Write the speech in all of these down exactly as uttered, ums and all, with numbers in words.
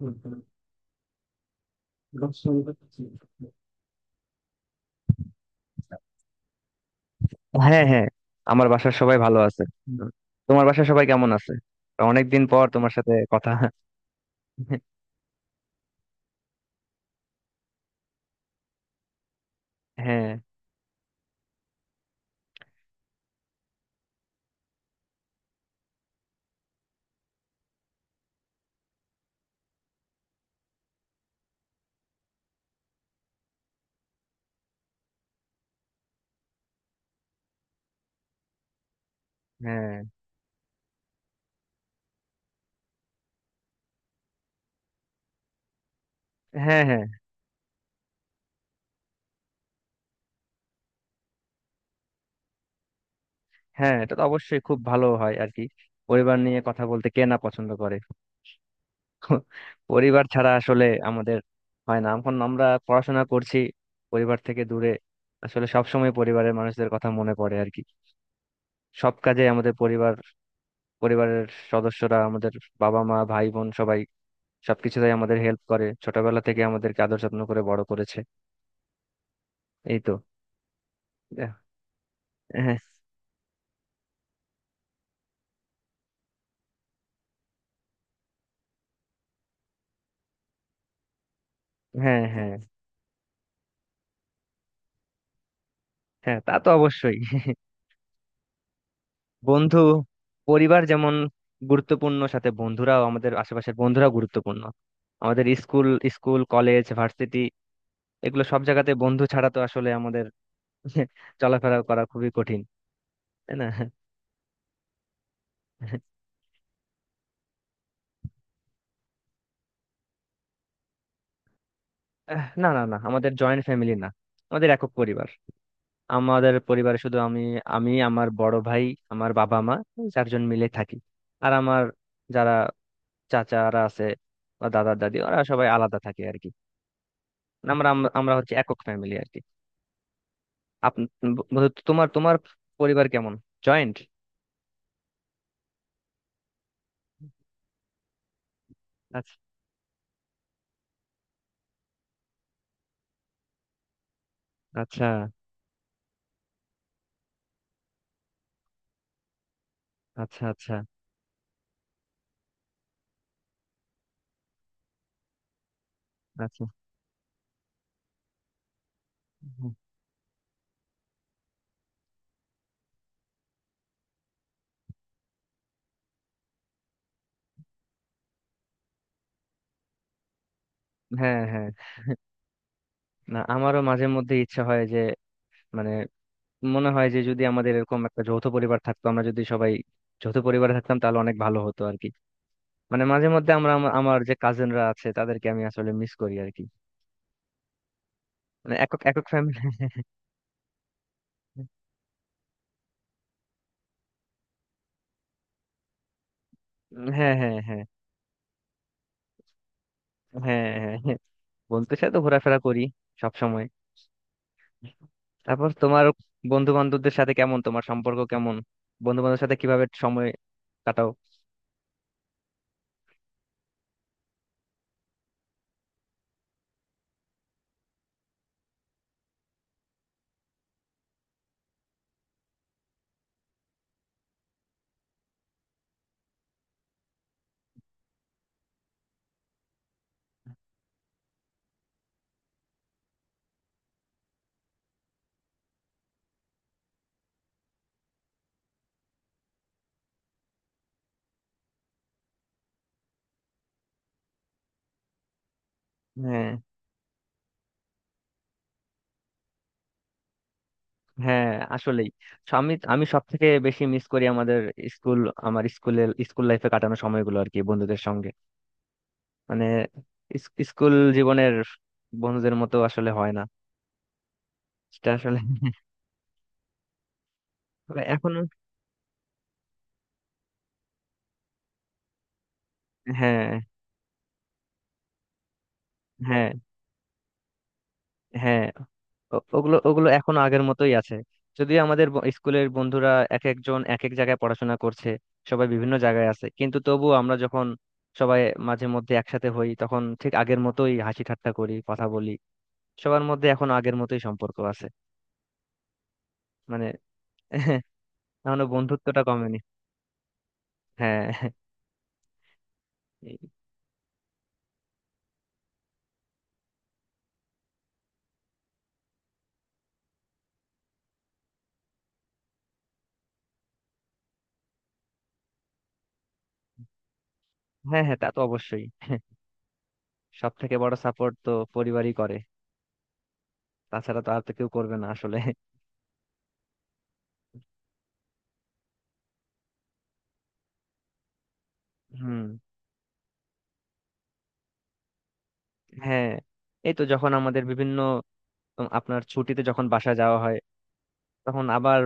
হুম, হুম। রূপসঙ্গীত কি? হ্যাঁ, হ্যাঁ, আমার বাসার সবাই ভালো আছে। হুম। তোমার বাসার সবাই কেমন আছে? অনেকদিন পর তোমার সাথে কথা। হ্যাঁ, হ্যাঁ, হ্যাঁ। হ্যাঁ, হ্যাঁ, এটা তো অবশ্যই খুব ভালো হয় আর কি। পরিবার নিয়ে কথা বলতে কে না পছন্দ করে? পরিবার ছাড়া আসলে আমাদের হয় না। এখন আমরা পড়াশোনা করছি, পরিবার থেকে দূরে। আসলে সব সময় পরিবারের মানুষদের কথা মনে পড়ে আর কি। সব কাজে আমাদের পরিবার, পরিবারের সদস্যরা আমাদের, বাবা মা ভাই বোন সবাই সবকিছুতেই আমাদের হেল্প করে, ছোটবেলা থেকে আমাদেরকে আদর যত্ন করে বড় করেছে। এই তো। হ্যাঁ, হ্যাঁ, হ্যাঁ, হ্যাঁ, তা তো অবশ্যই। বন্ধু, পরিবার যেমন গুরুত্বপূর্ণ, সাথে বন্ধুরাও, আমাদের আশেপাশের বন্ধুরাও গুরুত্বপূর্ণ। আমাদের স্কুল, স্কুল কলেজ ভার্সিটি, এগুলো সব জায়গাতে বন্ধু ছাড়া তো আসলে আমাদের চলাফেরা করা খুবই কঠিন, তাই না? আহ, না, না, না, আমাদের জয়েন্ট ফ্যামিলি না, আমাদের একক পরিবার। আমাদের পরিবারে শুধু আমি, আমি আমার বড় ভাই, আমার বাবা মা, এই চারজন মিলে থাকি। আর আমার যারা চাচারা আছে বা দাদা দাদি, ওরা সবাই আলাদা থাকে আর কি। আমরা আম- আমরা হচ্ছে একক ফ্যামিলি আর কি। আপ বন্ধু, তোমার তোমার পরিবার কেমন? জয়েন্ট? আচ্ছা, আচ্ছা, আচ্ছা, আচ্ছা, আচ্ছা। হুম। হ্যাঁ, হ্যাঁ, না, আমারও মাঝে মধ্যে ইচ্ছা হয় যে মানে মনে হয় যে যদি আমাদের এরকম একটা যৌথ পরিবার থাকতো, আমরা যদি সবাই যৌথ পরিবারে থাকতাম তাহলে অনেক ভালো হতো আর কি। মানে মাঝে মধ্যে আমরা আমা- আমার যে কাজিনরা আছে তাদেরকে আমি আসলে মিস করি আর কি। মানে একক একক ফ্যামিলি। হ্যাঁ, হ্যাঁ, হ্যাঁ, হ্যাঁ, হ্যাঁ, হ্যাঁ, বন্ধুদের সাথে তো ঘোরাফেরা করি সব সময়। তারপর তোমার বন্ধু বান্ধবদের সাথে কেমন, তোমার সম্পর্ক কেমন বন্ধু বান্ধবের সাথে? কিভাবে সময় কাটাও? হ্যাঁ, হ্যাঁ, আসলেই। সো আমি আমি সব থেকে বেশি মিস করি আমাদের স্কুল, আমার স্কুলের স্কুল লাইফে কাটানো সময়গুলো আর কি, বন্ধুদের সঙ্গে। মানে ইস- স্কুল জীবনের বন্ধুদের মতো আসলে হয় না সেটা আসলে। এখন হ্যাঁ, হ্যাঁ, হ্যাঁ, ও- ওগুলো ওগুলো এখনো আগের মতোই আছে। যদিও আমাদের ব- স্কুলের বন্ধুরা এক একজন এক এক জায়গায় পড়াশোনা করছে, সবাই বিভিন্ন জায়গায় আছে, কিন্তু তবুও আমরা যখন সবাই মাঝে মধ্যে একসাথে হই তখন ঠিক আগের মতোই হাসি ঠাট্টা করি, কথা বলি। সবার মধ্যে এখন আগের মতোই সম্পর্ক আছে, মানে। এখনো বন্ধুত্বটা কমেনি। হ্যাঁ, হ্যাঁ, হ্যাঁ, তা তো অবশ্যই। সব থেকে বড় সাপোর্ট তো পরিবারই করে, তাছাড়া তো আর তো কেউ করবে না আসলে। হুম। হ্যাঁ, এই তো যখন আমাদের বিভিন্ন উম, আপনার ছুটিতে যখন বাসা যাওয়া হয় তখন আবার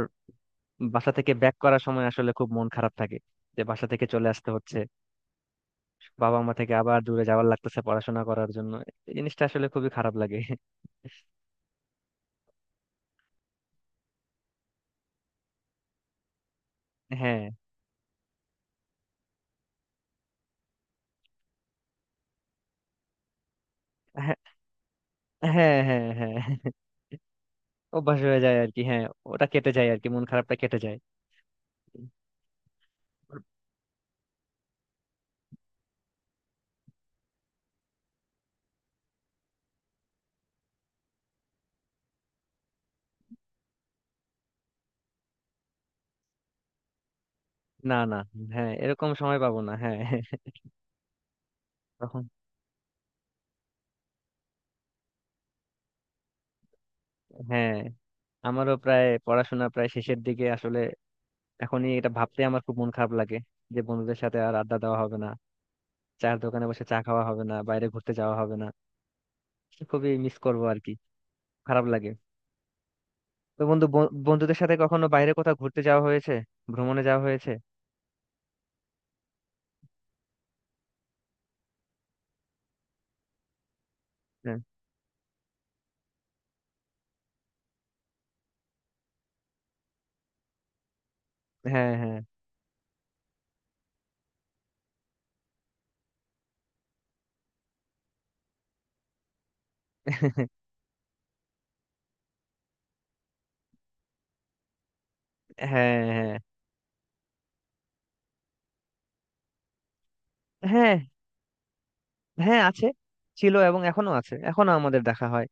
বাসা থেকে ব্যাক করার সময় আসলে খুব মন খারাপ থাকে, যে বাসা থেকে চলে আসতে হচ্ছে, বাবা মা থেকে আবার দূরে যাওয়ার লাগতেছে পড়াশোনা করার জন্য। এই জিনিসটা আসলে খুবই খারাপ লাগে। হ্যাঁ, হ্যাঁ, হ্যাঁ, হ্যাঁ, হ্যাঁ। অভ্যাস হয়ে যায় আর কি, হ্যাঁ। ওটা কেটে যায় আর কি, মন খারাপটা কেটে যায়। না, না, হ্যাঁ, এরকম সময় পাবো না, হ্যাঁ। তখন হ্যাঁ, আমারও প্রায় পড়াশোনা প্রায় শেষের দিকে আসলে। এখনই এটা ভাবতে আমার খুব মন খারাপ লাগে, যে বন্ধুদের সাথে আর আড্ডা দেওয়া হবে না, চায়ের দোকানে বসে চা খাওয়া হবে না, বাইরে ঘুরতে যাওয়া হবে না। খুবই মিস করবো আর কি, খারাপ লাগে। তো বন্ধু ব- বন্ধুদের সাথে কখনো বাইরে কোথাও ঘুরতে যাওয়া হয়েছে? ভ্রমণে যাওয়া হয়েছে? হ্যাঁ, হ্যাঁ, হ্যাঁ। হ্যাঁ, হ্যাঁ, হ্যাঁ, হ্যাঁ আছে, ছিল এবং এখনো আছে, এখনো আমাদের দেখা হয়।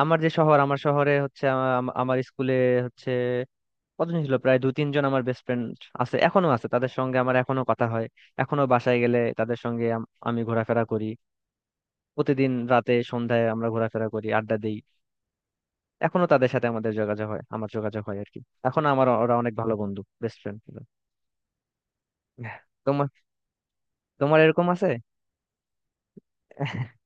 আমার যে শহর, আমার শহরে হচ্ছে আমা- আমা- আমার স্কুলে হচ্ছে কতজন ছিল প্রায় দু তিনজন আমার বেস্ট ফ্রেন্ড আছে, এখনো আছে, তাদের সঙ্গে আমার এখনো কথা হয়। এখনো বাসায় গেলে তাদের সঙ্গে আম- আমি ঘোরাফেরা করি। প্রতিদিন রাতে সন্ধ্যায় আমরা ঘোরাফেরা করি, আড্ডা দেই। এখনো তাদের সাথে আমাদের যোগাযোগ হয়, আমার যোগাযোগ হয় আর কি। এখন আমার ও- ওরা অনেক ভালো বন্ধু, বেস্ট ফ্রেন্ড। তোমার তোমার এরকম আছে?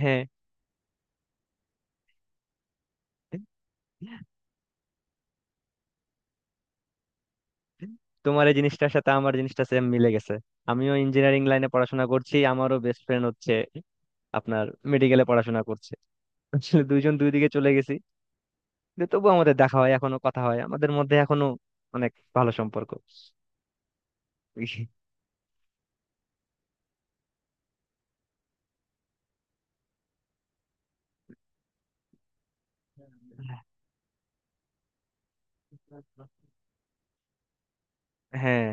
হ্যাঁ, তোমার এই জিনিসটার সাথে আমার জিনিসটা সেম মিলে গেছে। আমিও ইঞ্জিনিয়ারিং লাইনে পড়াশোনা করছি, আমারও বেস্ট ফ্রেন্ড হচ্ছে আপনার, মেডিকেলে পড়াশোনা করছে। আসলে দুইজন দুই দিকে চলে গেছি, যে তবুও আমাদের দেখা হয়, এখনো কথা হয় আমাদের মধ্যে, এখনো অনেক ভালো সম্পর্ক। হ্যাঁ,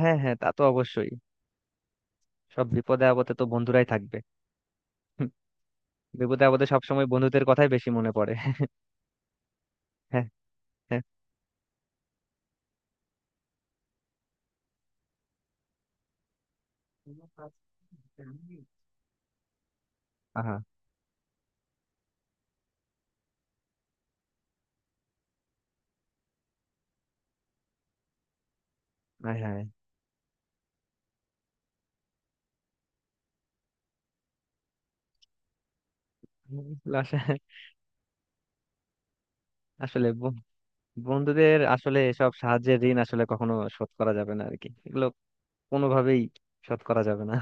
হ্যাঁ, হ্যাঁ, তা তো অবশ্যই, সব বিপদে আপদে তো বন্ধুরাই থাকবে। হুম, বিপদে আপদে সবসময় বন্ধুদের কথাই বেশি মনে পড়ে। হ্যাঁ, হ্যাঁ, আহা, হ্যাঁ, হ্যাঁ, আসলে, আসলে বন- বন্ধুদের আসলে সব সাহায্যের ঋণ আসলে কখনো শোধ করা যাবে না আর কি, এগুলো কোনোভাবেই শোধ করা যাবে না।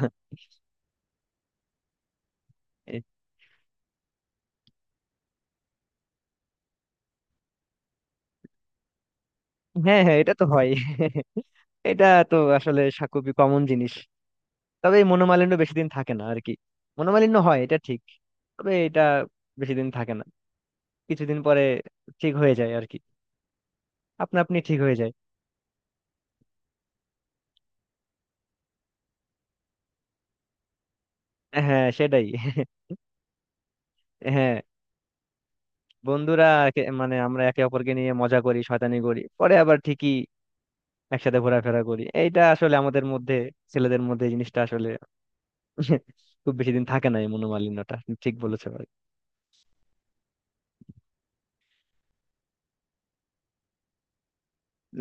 হ্যাঁ, হ্যাঁ, এটা তো হয়, এটা তো আসলে সা- খুবই কমন জিনিস। তবে এই মনোমালিন্য বেশি দিন থাকে না আর কি। মনোমালিন্য হয়, এটা ঠিক, তবে এটা বেশি দিন থাকে না, কিছুদিন পরে ঠিক হয়ে যায় আর কি, আপনা আপনি ঠিক হয়ে যায়। হ্যাঁ, সেটাই। হ্যাঁ, বন্ধুরা একে- মানে আমরা একে অপরকে নিয়ে মজা করি, শয়তানি করি, পরে আবার ঠিকই একসাথে ঘোরাফেরা করি। এইটা আসলে আমাদের মধ্যে, ছেলেদের মধ্যে এই জিনিসটা আসলে খুব বেশি দিন থাকে না, এই মনোমালিন্যটা। ঠিক বলেছো ভাই।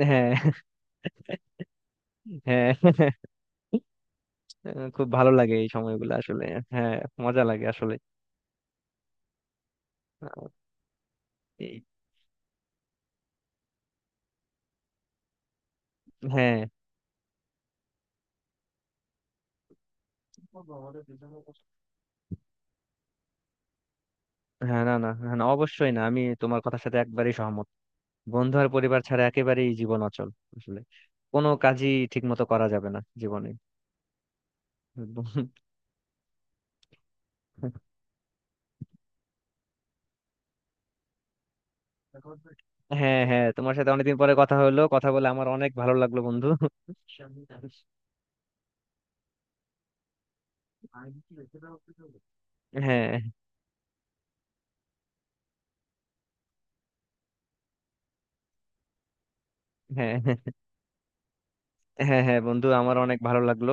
হ্যাঁ, হ্যাঁ, আহ, খুব ভালো লাগে এই সময়গুলো আসলে। হ্যাঁ, মজা লাগে আসলে। আহ, এই- হ্যাঁ, হ্যাঁ, না, না, হ্যাঁ, না, অবশ্যই না, আমি তোমার কথার সাথে একবারেই সহমত। বন্ধু আর পরিবার ছাড়া একেবারেই জীবন অচল, আসলে কোনো কাজই ঠিক মতো করা যাবে না জীবনে। হ্যাঁ, হ্যাঁ, তোমার সাথে অনেকদিন পরে কথা হলো, কথা বলে আমার অনেক ভালো লাগলো বন্ধু। হ্যাঁ, হ্যাঁ, হ্যাঁ, হ্যাঁ বন্ধু আমার অনেক ভালো লাগলো।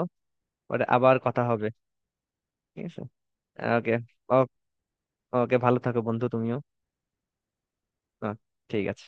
পরে আবার কথা হবে, ঠিক আছে? ওকে। ওকে, ভালো থাকো বন্ধু তুমিও। আহ, ঠিক আছে।